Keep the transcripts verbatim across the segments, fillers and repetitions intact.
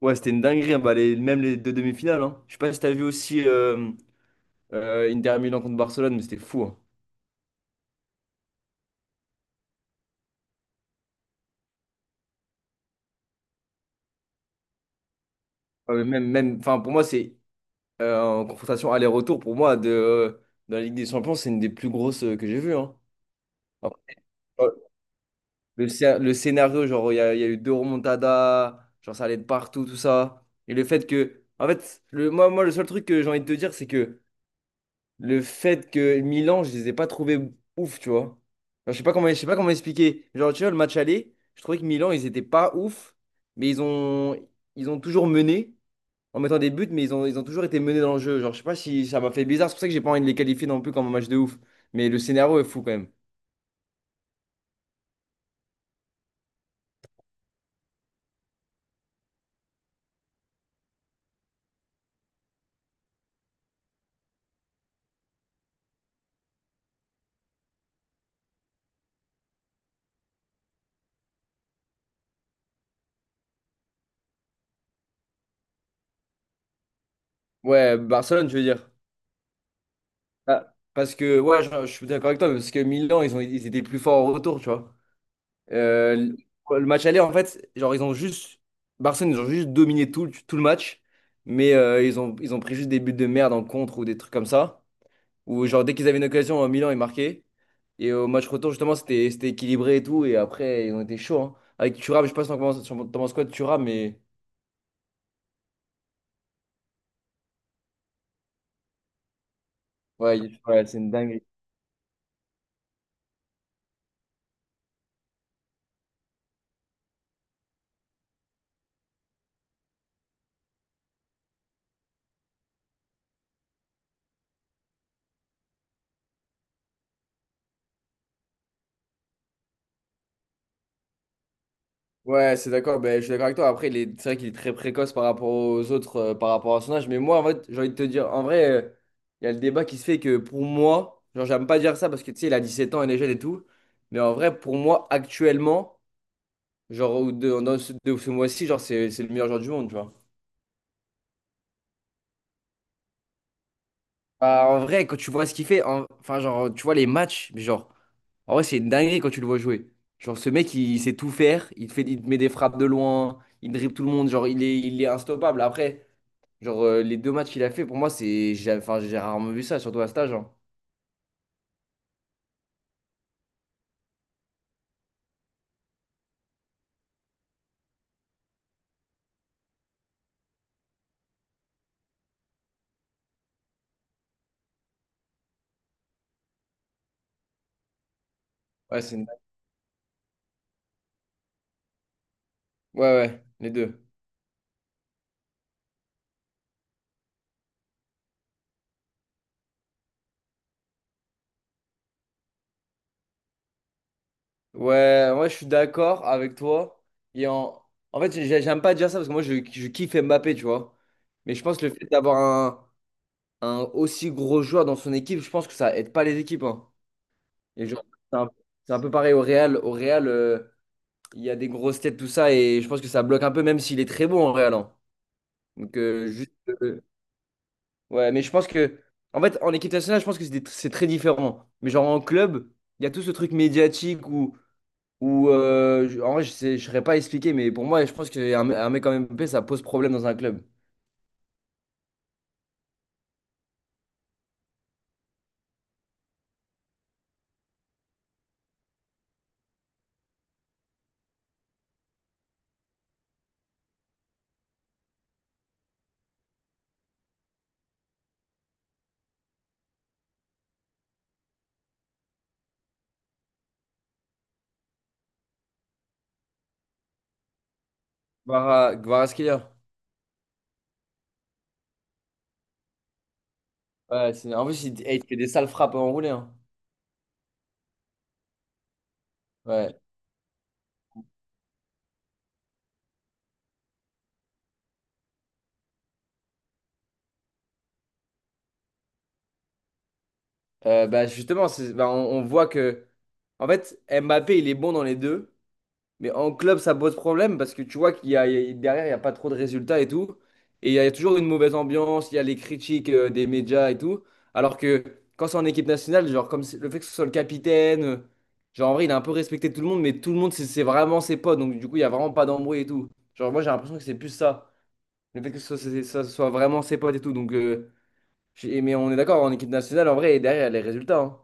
Ouais, c'était une dinguerie, hein. Bah, les- même les deux demi-finales. Hein. Je sais pas si t'as vu aussi euh, euh, Inter Milan contre Barcelone, mais c'était fou. Hein. Ah, mais même, même, enfin, pour moi, c'est euh, en confrontation aller-retour. Pour moi, de, euh, dans la Ligue des Champions, c'est une des plus grosses euh, que j'ai vues. Hein. Après, euh, le, scé- le scénario, genre, il y a, il y a eu deux remontadas, genre, ça allait de partout, tout ça. Et le fait que, en fait, le, moi, moi, le seul truc que j'ai envie de te dire, c'est que le fait que Milan, je les ai pas trouvés ouf, tu vois. Genre, je sais pas comment, je sais pas comment expliquer. Genre, tu vois, le match aller, je trouvais que Milan, ils étaient pas ouf, mais ils ont, ils ont toujours mené en mettant des buts, mais ils ont, ils ont toujours été menés dans le jeu. Genre, je sais pas si ça m'a fait bizarre. C'est pour ça que j'ai pas envie de les qualifier non plus comme un match de ouf. Mais le scénario est fou quand même. Ouais, Barcelone, je veux dire. Ah, parce que, ouais, je, je suis d'accord avec toi, parce que Milan, ils ont, ils étaient plus forts au retour, tu vois. Euh, le match aller, en fait, genre, ils ont juste. Barcelone, ils ont juste dominé tout, le- tout le match. Mais euh, ils ont, ils ont pris juste des buts de merde en contre ou des trucs comme ça. Ou genre, dès qu'ils avaient une occasion, euh, Milan, ils marquaient. Et au match retour, justement, c'était c'était équilibré et tout. Et après, ils ont été chauds. Hein. Avec Thuram, je sais pas si t'en penses t'en penses quoi de Thuram, mais ouais, il- ouais, c'est une dinguerie. Ouais, c'est d'accord, ben, je suis d'accord avec toi. Après, il est- c'est vrai qu'il est très précoce par rapport aux autres, euh, par rapport à son âge. Mais moi, en fait, j'ai envie de te dire, en vrai, euh, il y a le débat qui se fait que pour moi, genre, j'aime pas dire ça parce que tu sais, il a dix-sept ans, il est jeune et tout. Mais en vrai, pour moi, actuellement, genre, ou de, dans ce, de ce mois-ci, genre, c'est c'est le meilleur joueur du monde, tu vois. Bah, en vrai, quand tu vois ce qu'il fait, en- enfin, genre, tu vois les matchs, mais genre, en vrai, c'est une dinguerie quand tu le vois jouer. Genre, ce mec, il il sait tout faire, il te fait, il te met des frappes de loin, il dribble tout le monde, genre, il est, il est instoppable. Après. Genre, euh, les deux matchs qu'il a fait, pour moi, c'est. J'ai enfin, j'ai rarement vu ça, surtout à stage. Hein. Ouais, c'est une- ouais, ouais, les deux. Ouais, moi, je suis d'accord avec toi. Et en, en fait, j'ai- j'aime pas dire ça parce que moi, je, je kiffe Mbappé, tu vois. Mais je pense que le fait d'avoir un, un aussi gros joueur dans son équipe, je pense que ça aide pas les équipes. Hein. Et genre, c'est un, c'est un peu pareil au Real. Au Real, euh, il y a des grosses têtes, tout ça. Et je pense que ça bloque un peu, même s'il est très bon au Real. Hein. Donc, euh, juste. Euh, Ouais, mais je pense que, en fait, en équipe nationale, je pense que c'est des- c'est très différent. Mais genre en club, il y a tout ce truc médiatique où, où euh, je- en vrai, je sais, je saurais pas expliquer, mais pour moi, je pense qu'un un mec comme Mbappé, ça pose problème dans un club. Kvara- Kvaratskhelia. Ouais, c'est, en plus, il, eh, il fait des sales frappes enroulées. Hein. Ouais. Euh, bah, justement, c'est- bah, on, on voit que, en fait, Mbappé, il est bon dans les deux. Mais en club, ça pose problème parce que tu vois qu'il y a, il y a- derrière, il n'y a pas trop de résultats et tout. Et il y a toujours une mauvaise ambiance, il y a les critiques euh, des médias et tout. Alors que quand c'est en équipe nationale, genre, comme c'est- le fait que ce soit le capitaine, euh, genre, en vrai, il a un peu respecté tout le monde, mais tout le monde, c'est c'est vraiment ses potes. Donc, du coup, il n'y a vraiment pas d'embrouille et tout. Genre, moi, j'ai l'impression que c'est plus ça. Le fait que ce soit, c'est- ça soit vraiment ses potes et tout. Donc, euh, j'ai- mais on est d'accord, en équipe nationale, en vrai, derrière, il y a les résultats. Hein.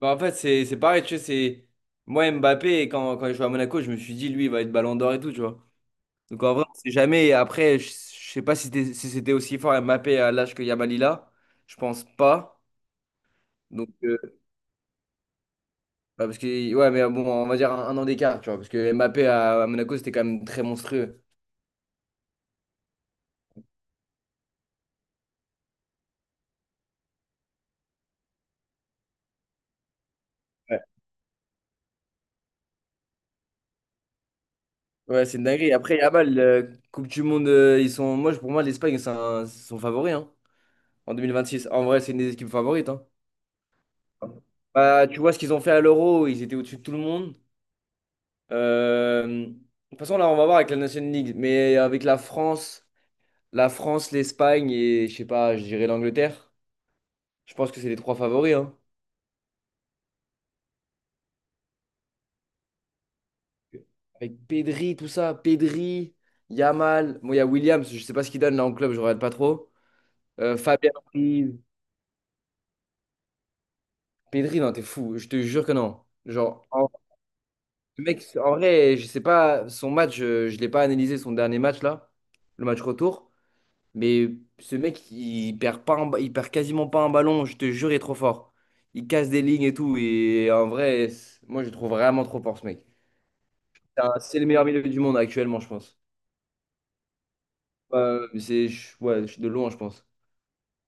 Bah, en fait, c'est c'est pareil, tu sais, c'est... Moi, Mbappé, quand, quand il jouait à Monaco, je me suis dit, lui, il va être ballon d'or et tout, tu vois. Donc, en vrai, on sait jamais. Et après, je, je sais pas si c'était si c'était aussi fort Mbappé à l'âge que Yamal il a. Je pense pas. Donc, euh, bah, parce que... Ouais, mais bon, on va dire un, un an d'écart, tu vois. Parce que Mbappé à, à Monaco, c'était quand même très monstrueux. Ouais, Ouais, c'est une dinguerie. Après, Yamal, euh, Coupe du Monde, euh, ils sont... Moi, je- pour moi, l'Espagne, c'est un- c'est son favori, hein, en six En vrai, c'est une des équipes favorites, hein. Bah, tu vois ce qu'ils ont fait à l'Euro, ils étaient au-dessus de tout le monde. Euh, de toute façon, là, on va voir avec la Nation League, mais avec la France, la France, l'Espagne et je sais pas, je dirais l'Angleterre. Je pense que c'est les trois favoris, hein. Avec Pedri, tout ça, Pedri, Yamal, bon, il y a Williams, je sais pas ce qu'il donne là en club, je regarde pas trop. Euh, Fabien Ruiz. Pedri, non, t'es fou, je te jure que non. Genre, en- le mec, en vrai, je sais pas, son match, euh, je l'ai pas analysé, son dernier match là, le match retour. Mais ce mec, il perd pas un ba- il perd quasiment pas un ballon, je te jure, il est trop fort. Il casse des lignes et tout. Et en vrai, c'est- moi, je le trouve vraiment trop fort, ce mec. C'est un- c'est le meilleur milieu du monde actuellement, je pense. Euh, c'est, je- ouais, je suis de loin, je pense.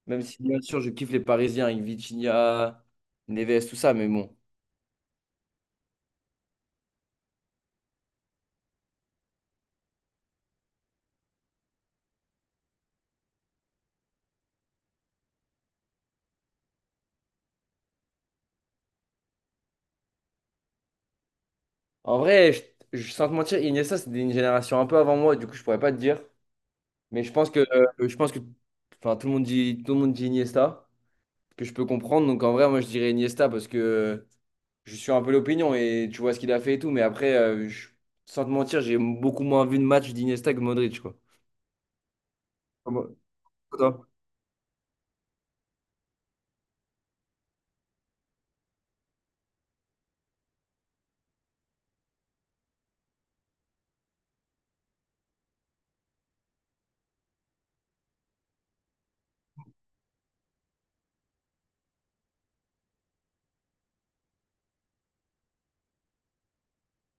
Même si, bien sûr, je kiffe les Parisiens avec Vitinha, Neves, tout ça, mais bon. En vrai, je, je- sans te mentir, Iniesta, c'est une génération un peu avant moi, du coup, je pourrais pas te dire. Mais je pense que, euh, je pense que, enfin, tout le monde dit, tout le monde dit Iniesta, que je peux comprendre. Donc, en vrai, moi, je dirais Iniesta parce que. Je suis un peu l'opinion et tu vois ce qu'il a fait et tout. Mais après, euh, je- sans te mentir, j'ai beaucoup moins vu de match d'Iniesta que Modric, quoi. Comment- Toi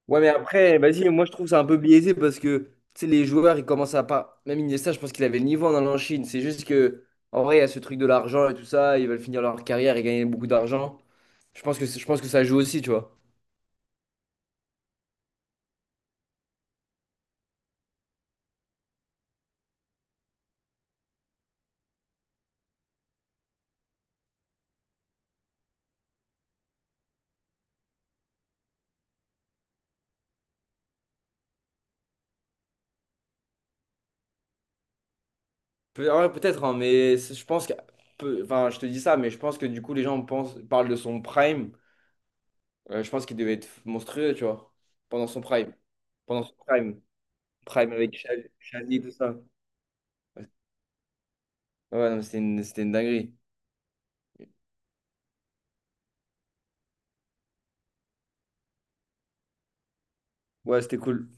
Ouais, mais après, vas-y, moi je trouve que c'est un peu biaisé parce que tu sais, les joueurs, ils commencent à pas. Même Iniesta, je pense qu'il avait le niveau en allant en Chine. C'est juste que, en vrai, il y a ce truc de l'argent et tout ça. Ils veulent finir leur carrière et gagner beaucoup d'argent. Je pense que, c'est- je pense que ça joue aussi, tu vois. Peut- ouais, peut-être, hein, mais c'est- je pense que. peu- Enfin, je te dis ça, mais je pense que du coup, les gens pensent, parlent de son prime. Euh, je pense qu'il devait être monstrueux, tu vois, pendant son prime. Pendant son prime. Prime avec Xavi, Xavi, tout ça. Ouais, non, mais c'était une, c'était une dinguerie. Ouais, c'était cool.